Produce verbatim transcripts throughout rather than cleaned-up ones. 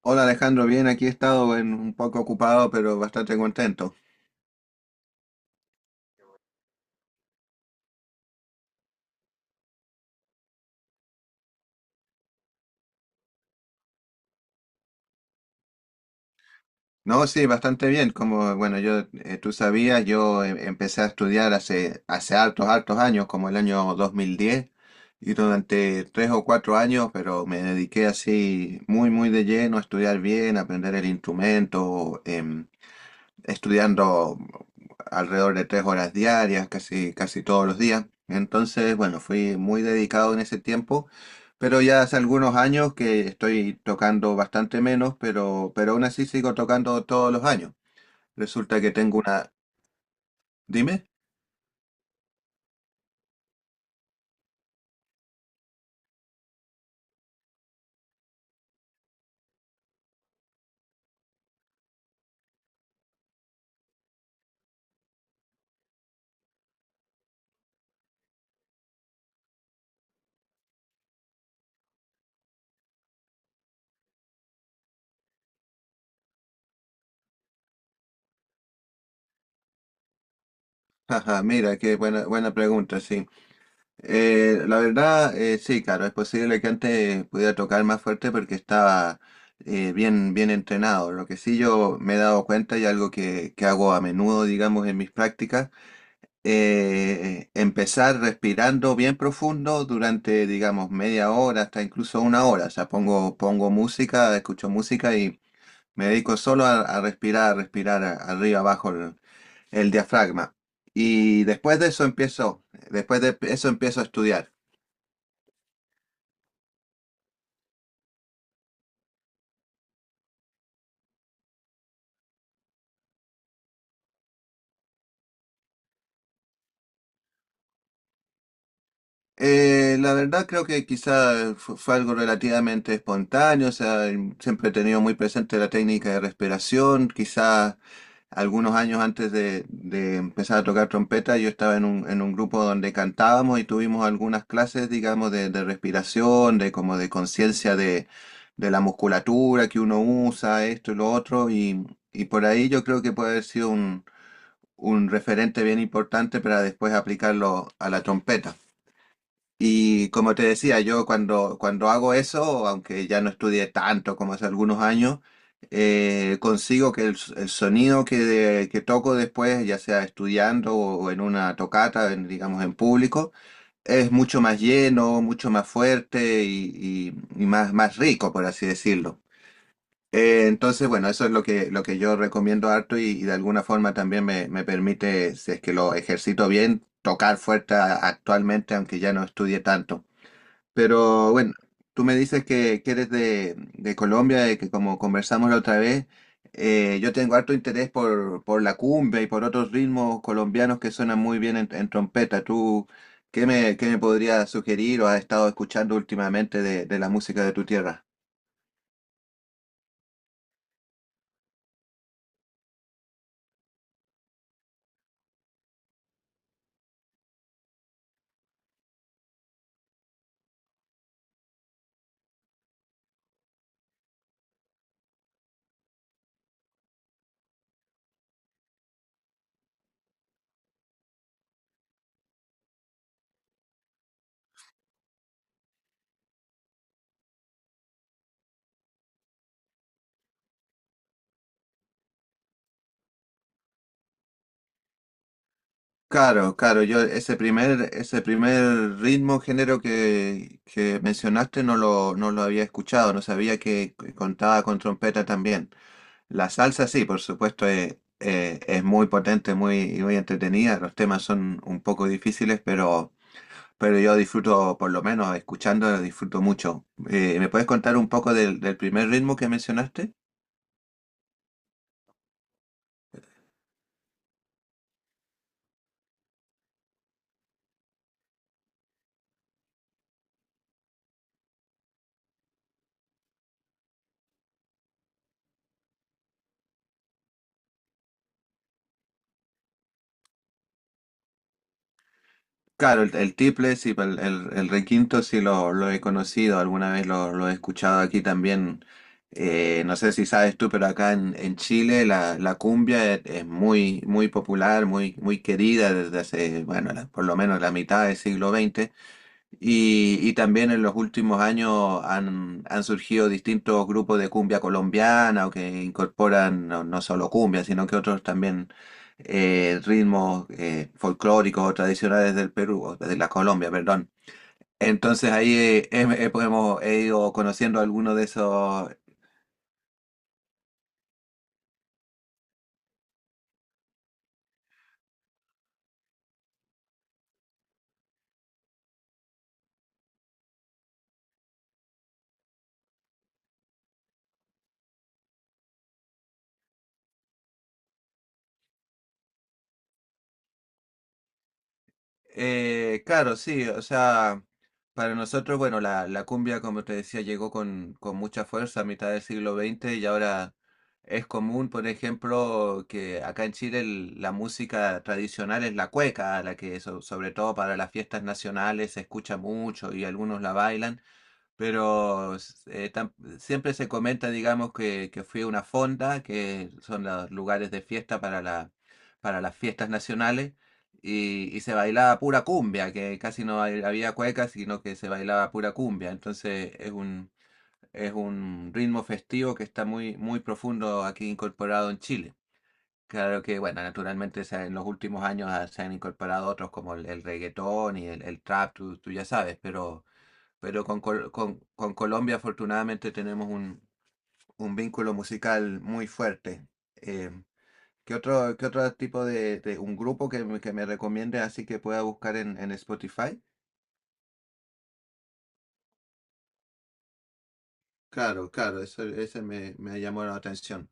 Hola Alejandro, bien, aquí he estado en- un poco ocupado, pero bastante contento. No, sí, bastante bien. Como, bueno, yo, eh, tú sabías, yo em- empecé a estudiar hace, hace hartos, hartos años, como el año dos mil diez, y durante tres o cuatro años, pero me dediqué así muy, muy de lleno a estudiar bien, a aprender el instrumento, em, estudiando alrededor de tres horas diarias, casi, casi todos los días. Entonces, bueno, fui muy dedicado en ese tiempo, pero ya hace algunos años que estoy tocando bastante menos, pero, pero aún así sigo tocando todos los años. Resulta que tengo una... Dime. Ajá, mira, qué buena, buena pregunta, sí. Eh, la verdad, eh, sí, claro, es posible que antes pudiera tocar más fuerte porque estaba eh, bien, bien entrenado. Lo que sí yo me he dado cuenta y algo que, que hago a menudo, digamos, en mis prácticas, eh, empezar respirando bien profundo durante, digamos, media hora hasta incluso una hora. O sea, pongo, pongo música, escucho música y me dedico solo a, a respirar, a respirar a- arriba, abajo el el diafragma. Y después de eso empiezo, después de eso empiezo a estudiar. Eh, la verdad creo que quizá fu- fue algo relativamente espontáneo, o sea, em, siempre he tenido muy presente la técnica de respiración, quizá algunos años antes de, de empezar a tocar trompeta yo estaba en un, en un grupo donde cantábamos y tuvimos algunas clases, digamos, de, de respiración, de como de conciencia de, de la musculatura que uno usa, esto y lo otro, y, y por ahí yo creo que puede haber sido un, un referente bien importante para después aplicarlo a la trompeta. Y como te decía, yo cuando, cuando hago eso, aunque ya no estudié tanto como hace algunos años, eh, consigo que el, s- el sonido que, que toco después, ya sea estudiando o en una tocata, en- digamos en público, es mucho más lleno, mucho más fuerte y, y- y más, más rico, por así decirlo. Eh, entonces, bueno, eso es lo que, lo que yo recomiendo harto y, y de alguna forma también me, me permite, si es que lo ejercito bien, tocar fuerte a- actualmente, aunque ya no estudie tanto. Pero bueno, tú me dices que, que eres de, de Colombia y que como conversamos la otra vez, eh, yo tengo harto interés por, por la cumbia y por otros ritmos colombianos que suenan muy bien en, en trompeta. ¿Tú qué me, qué me podrías sugerir o has estado escuchando últimamente de, de la música de tu tierra? Claro, claro, yo ese primer, ese primer ritmo, género que, que mencionaste no lo, no lo había escuchado, no sabía que contaba con trompeta también. La salsa, sí, por supuesto, es, eh, es muy potente, muy, muy entretenida. Los temas son un poco difíciles, pero, pero yo disfruto, por lo menos escuchándolo, disfruto mucho. Eh, ¿me puedes contar un poco del, del primer ritmo que mencionaste? Claro, el, el tiple, sí, el, el, el requinto sí lo, lo he conocido, alguna vez lo, lo he escuchado aquí también. Eh, no sé si sabes tú, pero acá en, en Chile la, la cumbia es, es muy, muy popular, muy, muy querida desde hace, bueno, la- por lo menos la mitad del siglo veinte. Y, y también en los últimos años han, han surgido distintos grupos de cumbia colombiana o que incorporan no, no solo cumbia, sino que otros también eh, ritmos eh, folclóricos o tradicionales del Perú, o de la Colombia, perdón. Entonces ahí eh, he- he- hemos he ido conociendo algunos de esos. Eh, claro, sí, o sea, para nosotros, bueno, la, la cumbia, como te decía, llegó con, con mucha fuerza a mitad del siglo veinte y ahora es común, por ejemplo, que acá en Chile el- la música tradicional es la cueca, la que so- sobre todo para las fiestas nacionales se escucha mucho y algunos la bailan, pero s- eh, tam- siempre se comenta, digamos, que, que fue una fonda, que son los lugares de fiesta para la, para las fiestas nacionales y, y se bailaba pura cumbia, que casi no había cueca, sino que se bailaba pura cumbia. Entonces es un, es un ritmo festivo que está muy, muy profundo aquí incorporado en Chile. Claro que, bueno, naturalmente se ha- en los últimos años ha- se han incorporado otros como el, el reggaetón y el, el trap, tú, tú ya sabes, pero, pero con, Col- con, con Colombia afortunadamente tenemos un, un vínculo musical muy fuerte. Eh, ¿Qué otro, qué otro tipo de, de un grupo que, me- que me recomiende así que pueda buscar en, en Spotify? Claro, claro, eso, ese me, me llamó la atención.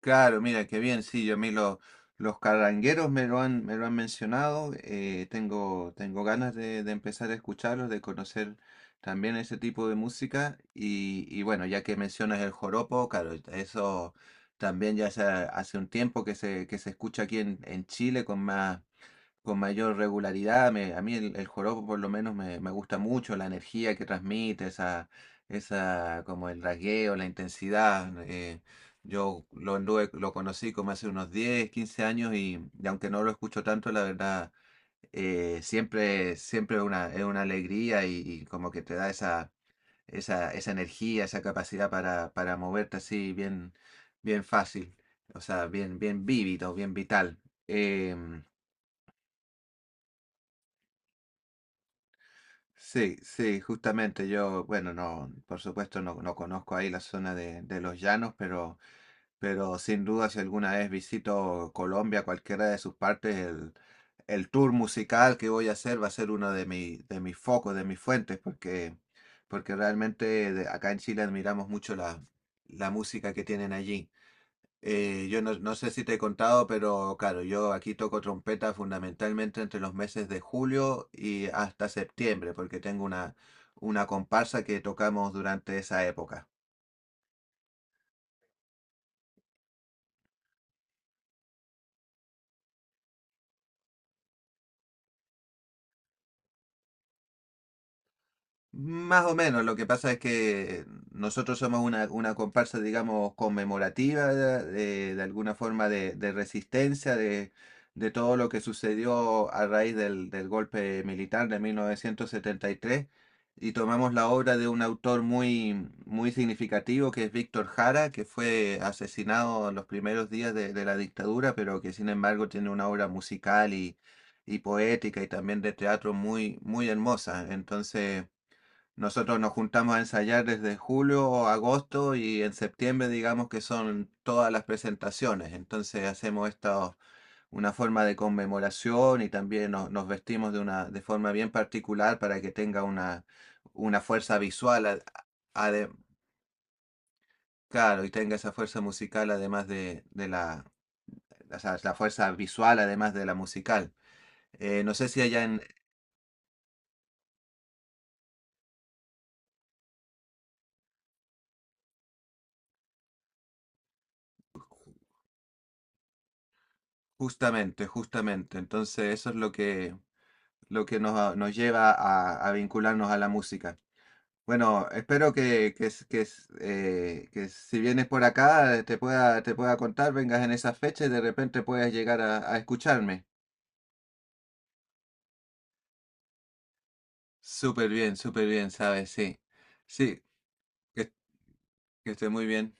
Claro, mira, qué bien, sí, yo a mí lo- los carrangueros me lo han, me lo han mencionado, eh, tengo, tengo ganas de, de empezar a escucharlos, de conocer también ese tipo de música y, y bueno, ya que mencionas el joropo, claro, eso también ya hace, hace un tiempo que se, que se escucha aquí en, en Chile con más con mayor regularidad. Me- a mí el, el joropo por lo menos me, me gusta mucho, la energía que transmite, esa, esa como el rasgueo, la intensidad. Eh, yo lo, anduve- lo conocí como hace unos diez quince años y, y aunque no lo escucho tanto, la verdad, eh, siempre, siempre es una, es una alegría y, y como que te da esa, esa, esa energía, esa capacidad para, para moverte así bien, bien fácil. O sea, bien, bien vívido, bien vital. Em, Sí, sí, justamente yo, bueno, no, por supuesto no, no conozco ahí la zona de, de los llanos, pero, pero sin duda si alguna vez visito Colombia, cualquiera de sus partes, el, el tour musical que voy a hacer va a ser uno de mi, de mis focos, de mis fuentes, porque, porque realmente de- acá en Chile admiramos mucho la, la música que tienen allí. Eh, yo no, no sé si te he contado, pero claro, yo aquí toco trompeta fundamentalmente entre los meses de julio y hasta septiembre, porque tengo una, una comparsa que tocamos durante esa época. Más o menos, lo que pasa es que nosotros somos una, una comparsa, digamos, conmemorativa de, de alguna forma de, de resistencia de, de todo lo que sucedió a raíz del, del golpe militar de mil novecientos setenta y tres y tres, y tomamos la obra de un autor muy, muy significativo que es Víctor Jara, que fue asesinado en los primeros días de, de la dictadura, pero que sin embargo tiene una obra musical y, y poética y también de teatro muy, muy hermosa. Entonces... Nosotros nos juntamos a ensayar desde julio o agosto y en septiembre digamos que son todas las presentaciones. Entonces hacemos esta una forma de conmemoración y también nos, nos vestimos de una de forma bien particular para que tenga una, una fuerza visual, a- ade- claro, y tenga esa fuerza musical además de, de la, o sea, la fuerza visual además de la musical. Eh, no sé si allá en, justamente, justamente, entonces eso es lo que lo que nos, nos lleva a, a vincularnos a la música. Bueno, espero que, que, s- que s- eh, que si vienes por acá eh, te pueda, te pueda contar, vengas en esa fecha y de repente puedas llegar a, a escucharme. Súper bien, súper bien, ¿sabes? Sí, sí, que, que esté muy bien.